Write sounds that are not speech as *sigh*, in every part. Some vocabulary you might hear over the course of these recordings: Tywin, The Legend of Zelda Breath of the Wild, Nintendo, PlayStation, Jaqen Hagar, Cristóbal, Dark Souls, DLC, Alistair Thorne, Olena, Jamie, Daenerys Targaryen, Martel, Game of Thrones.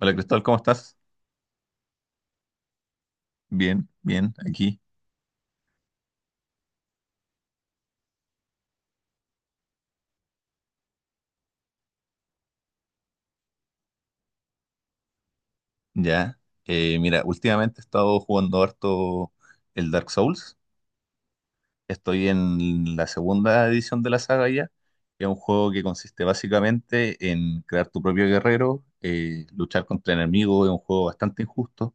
Hola Cristóbal, ¿cómo estás? Bien, bien, aquí, ya. Mira, últimamente he estado jugando harto el Dark Souls. Estoy en la segunda edición de la saga ya, que es un juego que consiste básicamente en crear tu propio guerrero, luchar contra enemigos, es un juego bastante injusto,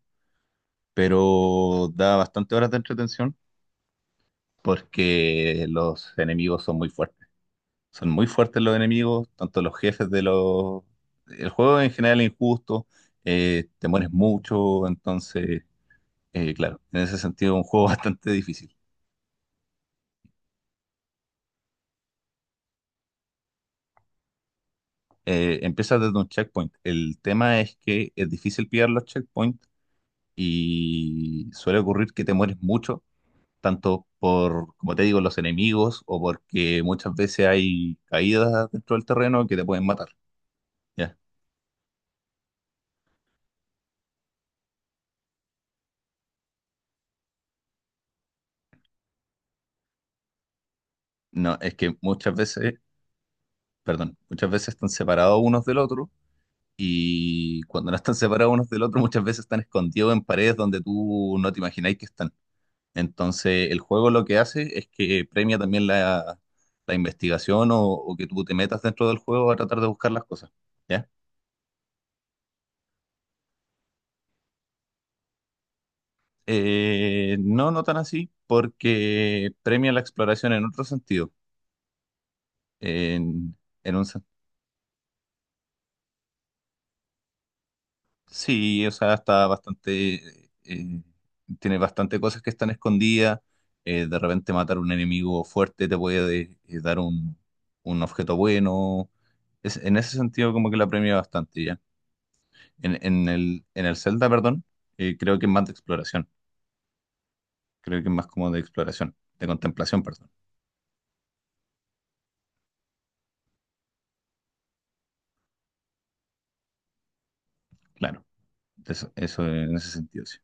pero da bastante horas de entretención porque los enemigos son muy fuertes. Son muy fuertes los enemigos, tanto los jefes de los... El juego en general es injusto, te mueres mucho, entonces, claro, en ese sentido es un juego *laughs* bastante difícil. Empiezas desde un checkpoint. El tema es que es difícil pillar los checkpoints y suele ocurrir que te mueres mucho, tanto por, como te digo, los enemigos o porque muchas veces hay caídas dentro del terreno que te pueden matar. ¿Ya? No, es que muchas veces, perdón, muchas veces están separados unos del otro y cuando no están separados unos del otro, muchas veces están escondidos en paredes donde tú no te imagináis que están. Entonces, el juego lo que hace es que premia también la investigación o que tú te metas dentro del juego a tratar de buscar las cosas. ¿Ya? No, no tan así, porque premia la exploración en otro sentido. En, en un sen- Sí, o sea, está bastante, eh, tiene bastante cosas que están escondidas. De repente matar un enemigo fuerte te puede dar un objeto bueno. En ese sentido, como que la premia bastante ya. En el Zelda, perdón, creo que es más de exploración. Creo que es más como de exploración, de contemplación, perdón. Claro, eso en ese sentido, sí.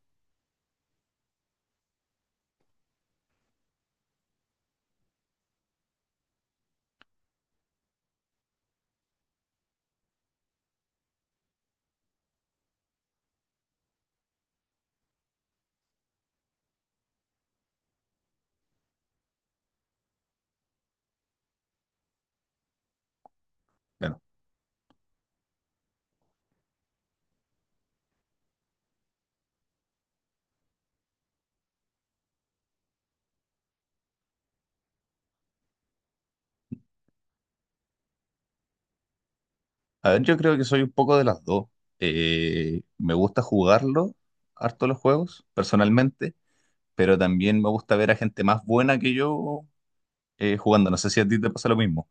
Claro. A ver, yo creo que soy un poco de las dos. Me gusta jugarlo, harto los juegos, personalmente, pero también me gusta ver a gente más buena que yo jugando. No sé si a ti te pasa lo mismo.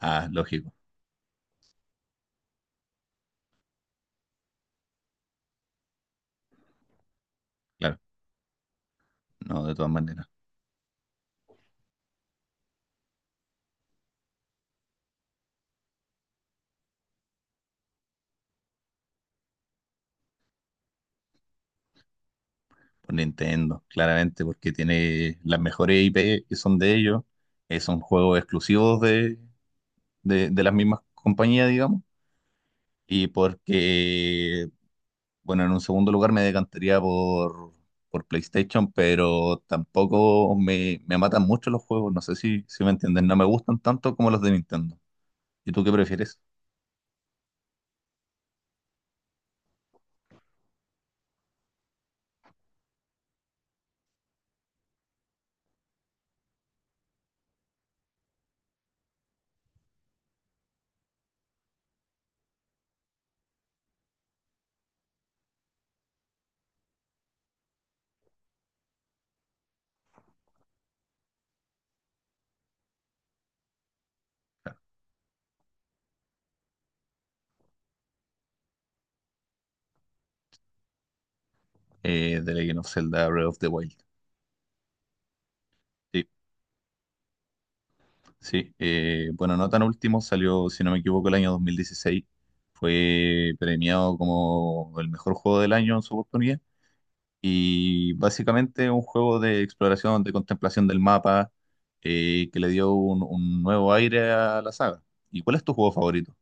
Ah, lógico, claro, no, de todas maneras. Por Nintendo, claramente, porque tiene las mejores IP que son de ellos, son juegos exclusivos de las mismas compañías, digamos, y porque, bueno, en un segundo lugar me decantaría por PlayStation, pero tampoco me, me matan mucho los juegos, no sé si, si me entienden, no me gustan tanto como los de Nintendo. ¿Y tú qué prefieres? The Legend of Zelda Breath of the Wild. Sí, sí. Bueno, no tan último, salió, si no me equivoco, el año 2016. Fue premiado como el mejor juego del año en su oportunidad. Y básicamente un juego de exploración, de contemplación del mapa, que le dio un nuevo aire a la saga. ¿Y cuál es tu juego favorito?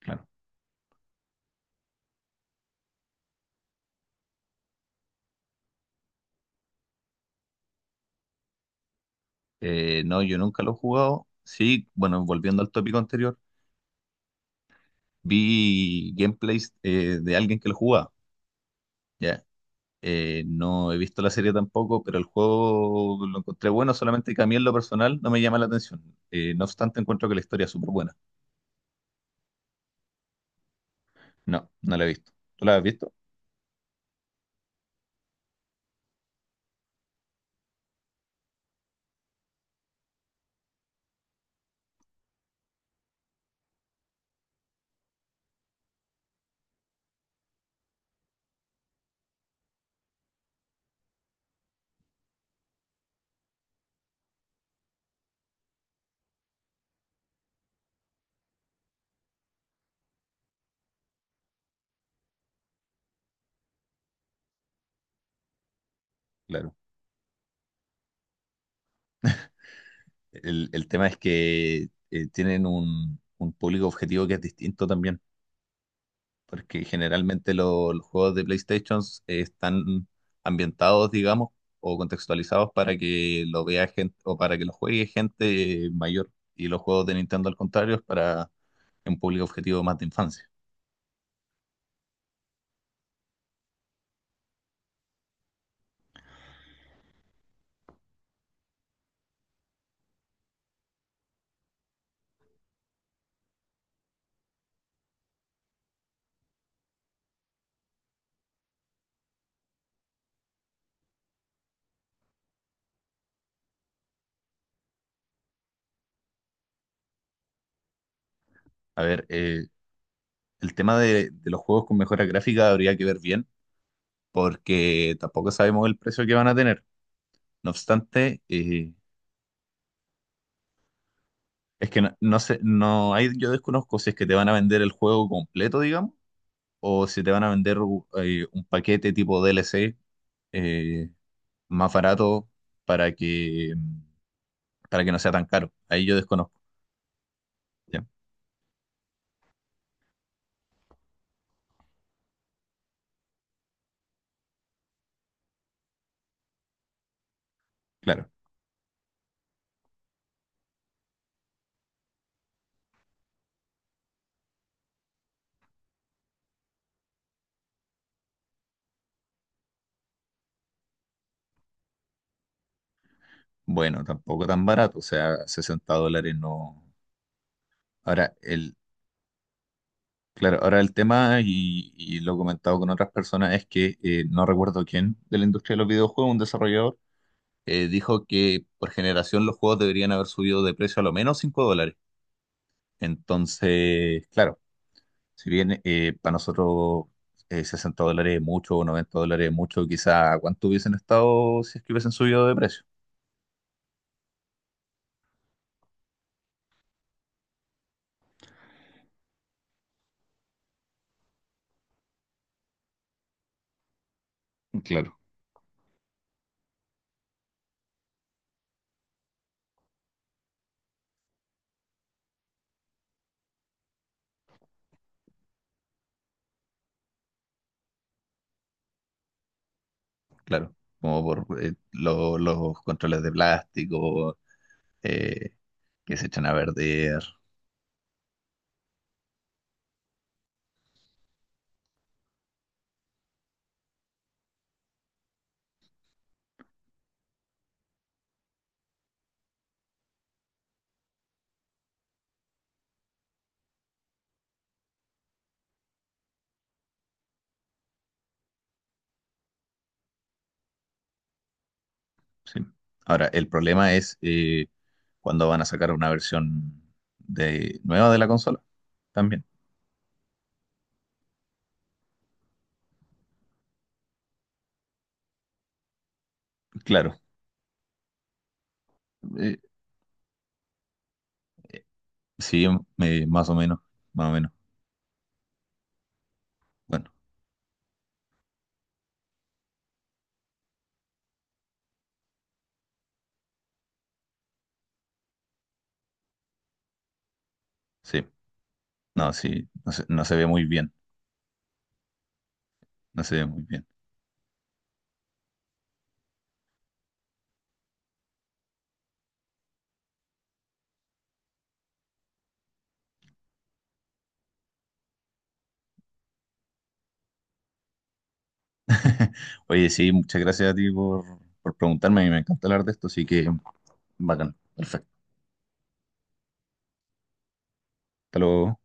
Claro. No, yo nunca lo he jugado. Sí, bueno, volviendo al tópico anterior, vi gameplays de alguien que lo jugaba. ¿Ya? No he visto la serie tampoco, pero el juego lo encontré bueno, solamente que a mí en lo personal no me llama la atención. No obstante, encuentro que la historia es súper buena. No, no la he visto. ¿Tú la has visto? Claro. El tema es que tienen un público objetivo que es distinto también, porque generalmente los juegos de PlayStation están ambientados, digamos, o contextualizados para que lo vea gente o para que lo juegue gente mayor. Y los juegos de Nintendo, al contrario, es para un público objetivo más de infancia. A ver, el tema de los juegos con mejora gráfica habría que ver bien, porque tampoco sabemos el precio que van a tener. No obstante, es que no, no sé, no hay, yo desconozco si es que te van a vender el juego completo, digamos, o si te van a vender un paquete tipo DLC, eh, más barato para que, para que no sea tan caro. Ahí yo desconozco, ¿ya? Claro. Bueno, tampoco tan barato, o sea, sesenta dólares no. Ahora, claro, ahora el tema, y lo he comentado con otras personas, es que no recuerdo quién de la industria de los videojuegos, un desarrollador, dijo que por generación los juegos deberían haber subido de precio a lo menos 5 dólares. Entonces, claro, si bien para nosotros $60 es mucho o $90 es mucho, quizá cuánto hubiesen estado si es que hubiesen subido de precio. Claro. Claro, como por los controles de plástico eh, que se echan a perder. Sí. Ahora, el problema es cuando van a sacar una versión de, nueva de la consola. También, claro. Eh, sí, más o menos, más o menos. Bueno, sí. No, sí, no se, no se ve muy bien. No se ve muy bien. *laughs* Oye, sí, muchas gracias a ti por preguntarme. A mí me encanta hablar de esto, así que bacán. Perfecto. Hasta luego.